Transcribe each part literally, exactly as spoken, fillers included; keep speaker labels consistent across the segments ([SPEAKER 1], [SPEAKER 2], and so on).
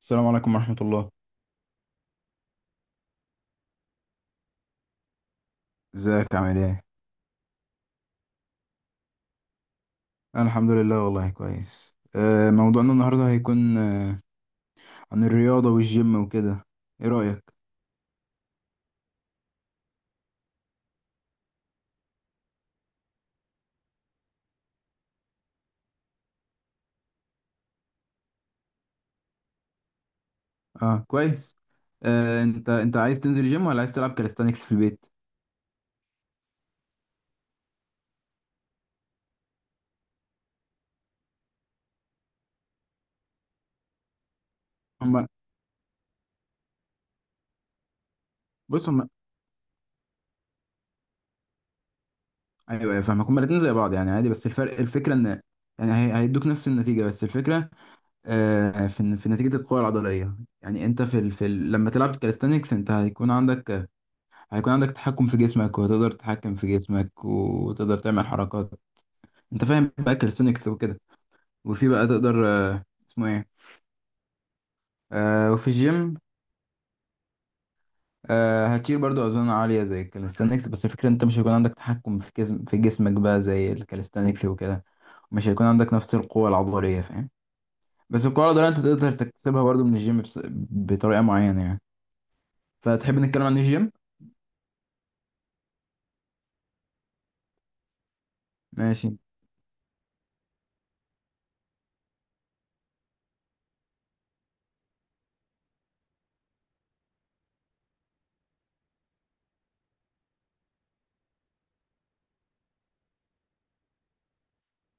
[SPEAKER 1] السلام عليكم ورحمة الله. ازيك عامل ايه؟ أنا الحمد لله والله كويس. آه، موضوعنا النهاردة هيكون آه، عن الرياضة والجيم وكده، ايه رأيك؟ اه كويس. آه، انت انت عايز تنزل الجيم ولا عايز تلعب كاليستانيكس في البيت؟ هما بص هما، ايوه ايوه فاهمك. هما الاتنين زي بعض يعني عادي، بس الفرق الفكرة ان يعني هي- هيدوك نفس النتيجة. بس الفكرة آه، في في نتيجة القوة العضلية يعني انت في ال... في ال... لما تلعب كاليستانيكس انت هيكون عندك هيكون عندك تحكم في جسمك، وتقدر تتحكم في جسمك وتقدر تعمل حركات. انت فاهم بقى كاليستنكس وكده. وفي بقى تقدر آه، اسمه ايه آه وفي الجيم، آه، هتشيل برضو اوزان عاليه زي الكاليستانكس، بس الفكره انت مش هيكون عندك تحكم في جسم في جسمك بقى زي الكاليستانكس وكده، ومش هيكون عندك نفس القوه العضليه، فاهم؟ بس القوه العضليه انت تقدر تكتسبها برضو من الجيم بس بطريقه معينه يعني. فتحب نتكلم عن الجيم؟ ماشي.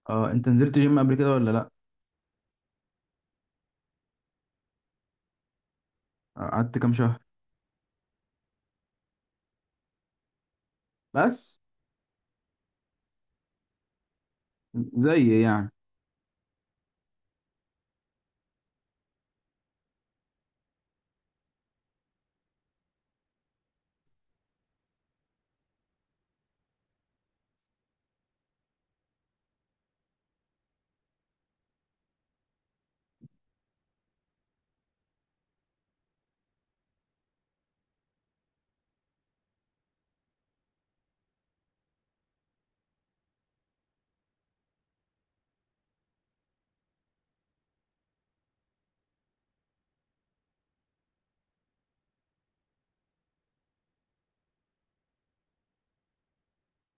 [SPEAKER 1] اه، انت نزلت جيم قبل كده ولا لا؟ قعدت كام شهر بس؟ زي يعني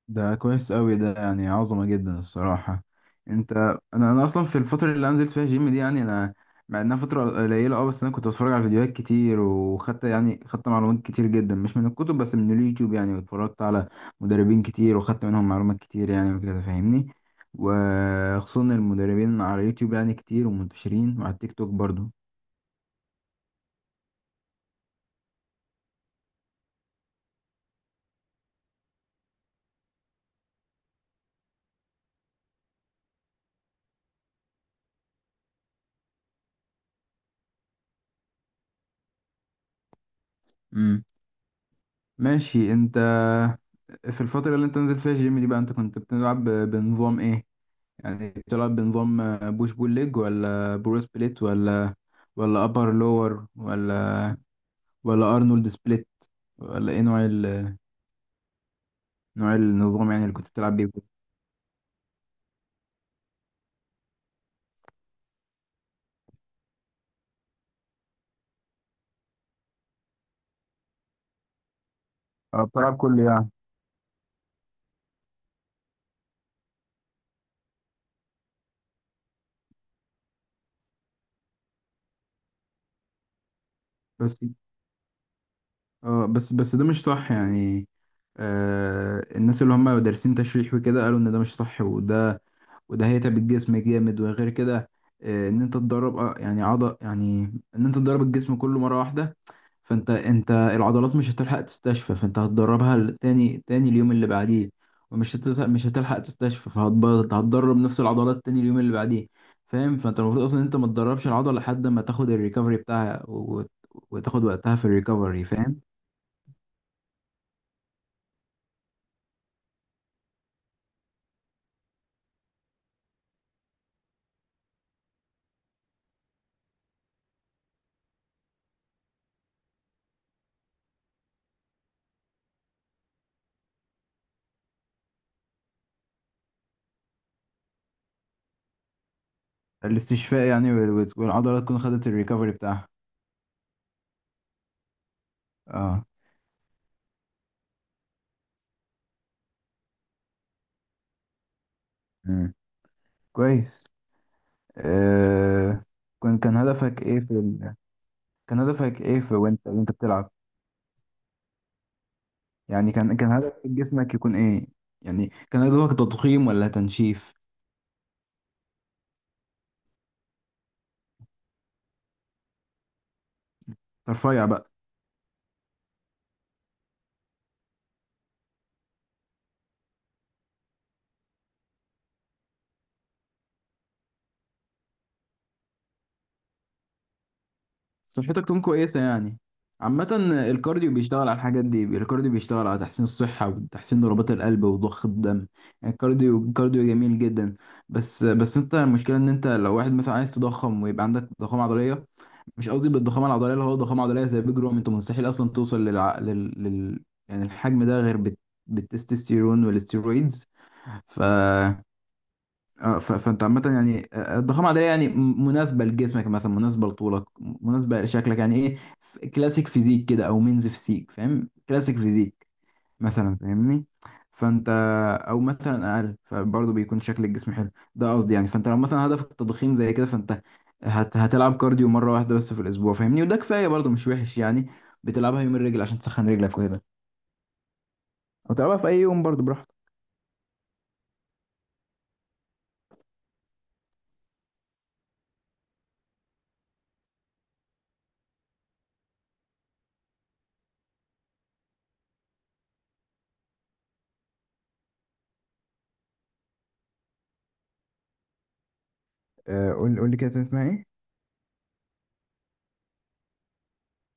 [SPEAKER 1] ده كويس قوي، ده يعني عظمة جدا الصراحة. انت، انا انا اصلا في الفترة اللي أنا نزلت فيها جيم دي، يعني انا مع انها فترة قليلة اه، بس انا كنت بتفرج على فيديوهات كتير، وخدت يعني خدت معلومات كتير جدا مش من الكتب بس من اليوتيوب يعني، واتفرجت على مدربين كتير وخدت منهم معلومات كتير يعني وكده، فاهمني؟ وخصوصا المدربين على اليوتيوب يعني كتير ومنتشرين وعلى التيك توك برضو. امم ماشي. انت في الفترة اللي انت نزلت فيها الجيم دي بقى، انت كنت بتلعب بنظام ايه؟ يعني بتلعب بنظام بوش بول ليج، ولا برو سبليت، ولا ولا ابر لور، ولا ولا ارنولد سبليت، ولا ايه نوع ال... نوع النظام يعني اللي كنت بتلعب بيه؟ اه بتلعب كله يعني، بس اه، بس بس ده مش صح يعني. آه الناس اللي هم دارسين تشريح وكده قالوا ان ده مش صح، وده وده هيتعب الجسم جامد. وغير كده آه، ان انت تدرب آه، يعني عضل يعني ان انت تدرب الجسم كله مره واحده، فانت انت العضلات مش هتلحق تستشفى، فانت هتدربها تاني تاني اليوم اللي بعديه. ومش هتس- مش هتلحق تستشفى، فهتبرد، هتدرب نفس العضلات تاني اليوم اللي بعديه، فاهم؟ فانت المفروض اصلا انت ما تدربش العضله لحد ما تاخد الريكفري بتاعها وت- وتاخد وقتها في الريكفري، فاهم؟ الاستشفاء يعني، وال- وت- والعضله تكون خدت الريكفري بتاعها. اه. مم. كويس. آه، كان كان هدفك ايه في ال... كان هدفك ايه في وانت وانت بتلعب؟ يعني كان كان هدف في جسمك يكون ايه؟ يعني كان هدفك تضخيم ولا تنشيف، ترفيع بقى؟ صحتك تكون كويسة يعني عامة. الكارديو بيشتغل على الحاجات دي، الكارديو بيشتغل على تحسين الصحة وتحسين ضربات القلب وضخ الدم. يعني الكارديو الكارديو جميل جدا. بس بس انت المشكلة ان انت لو واحد مثلا عايز تضخم ويبقى عندك ضخامة عضلية، مش قصدي بالضخامه العضليه اللي هو ضخامه عضليه زي بيج رامي، انت مستحيل اصلا توصل للع... لل... لل... يعني الحجم ده غير بت... بالتستوستيرون والاستيرويدز. ف... آه، ف... فانت عامه يعني، آه، آه، الضخامه العضليه يعني م- مناسبه لجسمك، مثلا مناسبه لطولك، مناسبه لشكلك، يعني ايه ف- كلاسيك فيزيك كده، او مينز فيزيك، فاهم كلاسيك فيزيك مثلا؟ فاهمني؟ فانت او مثلا اقل فبرضه بيكون شكل الجسم حلو، ده قصدي يعني. فانت لو مثلا هدفك التضخيم زي كده، فانت هت هتلعب كارديو مره واحده بس في الاسبوع، فاهمني؟ وده كفايه برضه، مش وحش يعني. بتلعبها يوم الرجل عشان تسخن رجلك وكده، او تلعبها في اي يوم برضه براحتك. آه، قول قول لي كده تاني اسمها ايه؟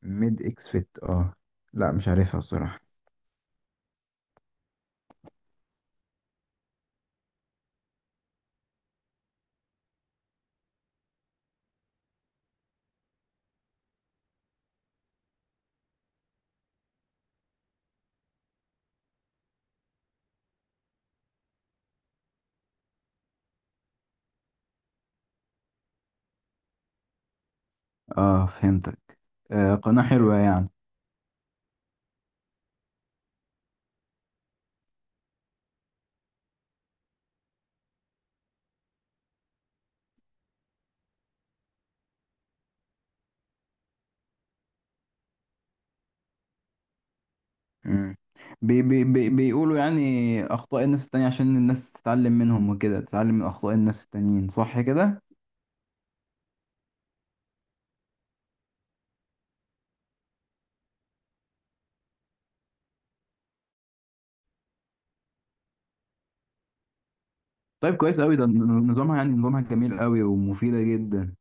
[SPEAKER 1] ميد اكس فيت، اه؟ لا مش عارفها الصراحة. اه فهمتك. آه قناه حلوه يعني. مم. بي بي بي بيقولوا يعني اخطاء الناس التانية عشان الناس تتعلم منهم وكده، تتعلم من اخطاء الناس التانيين، صح كده؟ طيب كويس قوي ده، نظامها يعني نظامها جميل قوي ومفيدة جدا.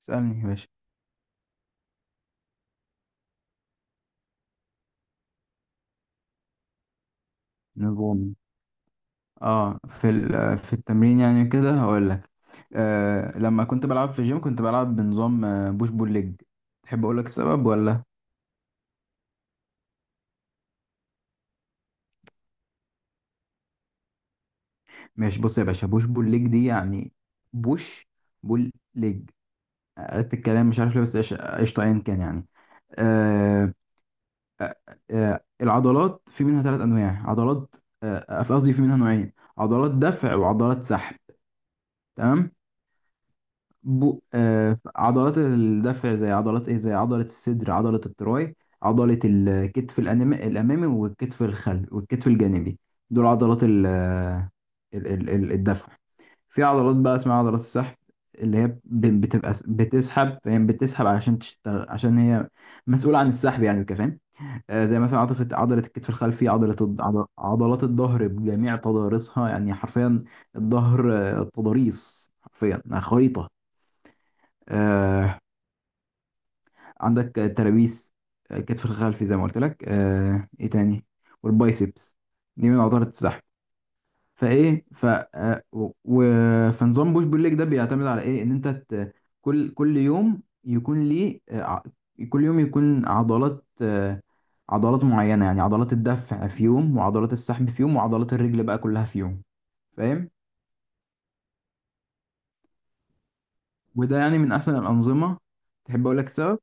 [SPEAKER 1] اسألني يا باشا. نظام، اه في ال- في التمرين يعني، كده هقول لك. آه لما كنت بلعب في الجيم كنت بلعب بنظام آه، بوش بول ليج. تحب اقول لك السبب ولا؟ ماشي، بص يا باشا، بوش بول ليج دي يعني بوش بول ليج، قلت الكلام مش عارف ليه بس قش- قشطه ايا كان يعني. آه آه العضلات في منها ثلاث انواع عضلات، آه آه، قصدي في منها نوعين، عضلات دفع وعضلات سحب، تمام؟ بو آه عضلات الدفع زي عضلات ايه، زي عضلة الصدر، عضلة التراي، عضلة الكتف الأنم- الأمامي، والكتف الخلفي، والكتف الجانبي، دول عضلات ال آه، ال ال ال- الدفع. في عضلات بقى اسمها عضلات السحب، اللي هي ب- بتبقى س- بتسحب، فاهم؟ بتسحب علشان تشتغل، عشان هي مسؤولة عن السحب يعني وكده، فاهم؟ آه زي مثلا عضلة عضلة الكتف الخلفي، عضلة الض- عض- عضلات الظهر بجميع تضاريسها يعني حرفيا. الظهر آه، تضاريس حرفيا، آه، خريطة. آه عندك الترابيس، آه، كتف الخلفي زي ما قلت لك، آه ايه تاني، والبايسبس، دي من عضلة السحب. فايه ف آه، و... و- فنظام بوش بول ليج ده بيعتمد على ايه، ان انت ت... كل كل يوم يكون ليه آه، ع- كل يوم يكون عضلات آه، عضلات معينة، يعني عضلات الدفع في يوم، وعضلات السحب في يوم، وعضلات الرجل بقى كلها في يوم، فاهم؟ وده يعني من احسن الانظمة. تحب اقول لك سبب؟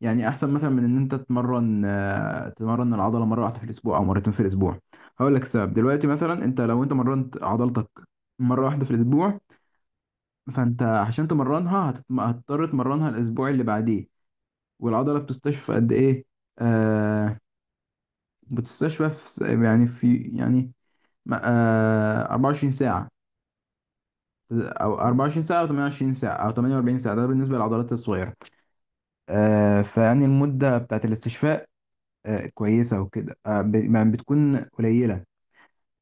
[SPEAKER 1] يعني احسن مثلا من ان انت تتمرن آه، تمرن العضله مره واحده في الاسبوع او مرتين في الاسبوع. هقول لك السبب دلوقتي، مثلا انت لو انت مرنت عضلتك مره واحده في الاسبوع، فانت عشان تمرنها هتتم... هتضطر تمرنها الاسبوع اللي بعديه. والعضله بتستشفى قد ايه؟ آه بتستشفى في س- يعني في يعني ما- آه اربعة وعشرين ساعه او اربعة وعشرين ساعه او تمانية وعشرين ساعه او تمانية واربعين ساعه، ده بالنسبه للعضلات الصغيره. آه فيعني المده بتاعت الاستشفاء آه، كويسة وكده، آه، ب- ما بتكون قليلة،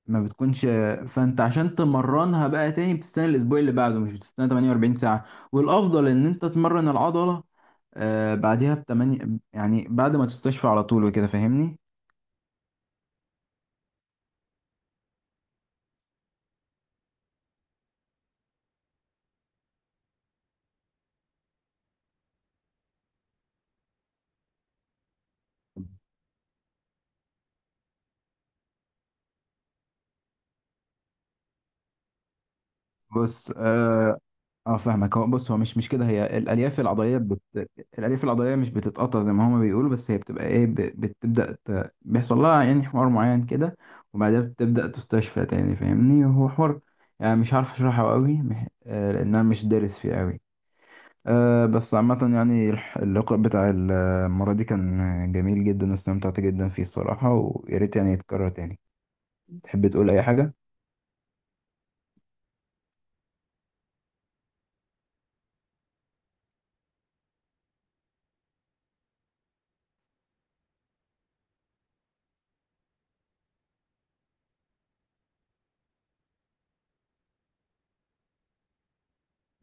[SPEAKER 1] ما بتكونش. فانت عشان تمرنها بقى تاني بتستنى الاسبوع اللي بعده، مش بتستنى تمانية واربعين ساعة. والافضل ان انت تمرن العضلة آه، بعدها بتمانية، يعني بعد ما تستشفى على طول وكده، فاهمني؟ بص اه، آه فاهمك، هو بص هو مش مش كده، هي الالياف العضليه بت... الالياف العضليه مش بتتقطع زي ما هما بيقولوا، بس هي بتبقى ايه ب... بتبدا ت... بيحصل لها يعني حوار معين كده، وبعدها بتبدا تستشفى تاني، فاهمني؟ هو حوار يعني مش عارف اشرحه قوي مح... آه لان انا مش دارس فيه قوي. آه بس عامه يعني الح- اللقاء بتاع المره دي كان جميل جدا، واستمتعت جدا فيه الصراحه، ويا ريت يعني يتكرر تاني. تحب تقول اي حاجه؟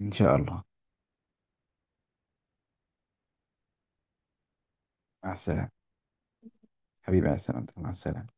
[SPEAKER 1] ان شاء الله. مع السلامه، حبيبي مع السلامه، مع السلامه.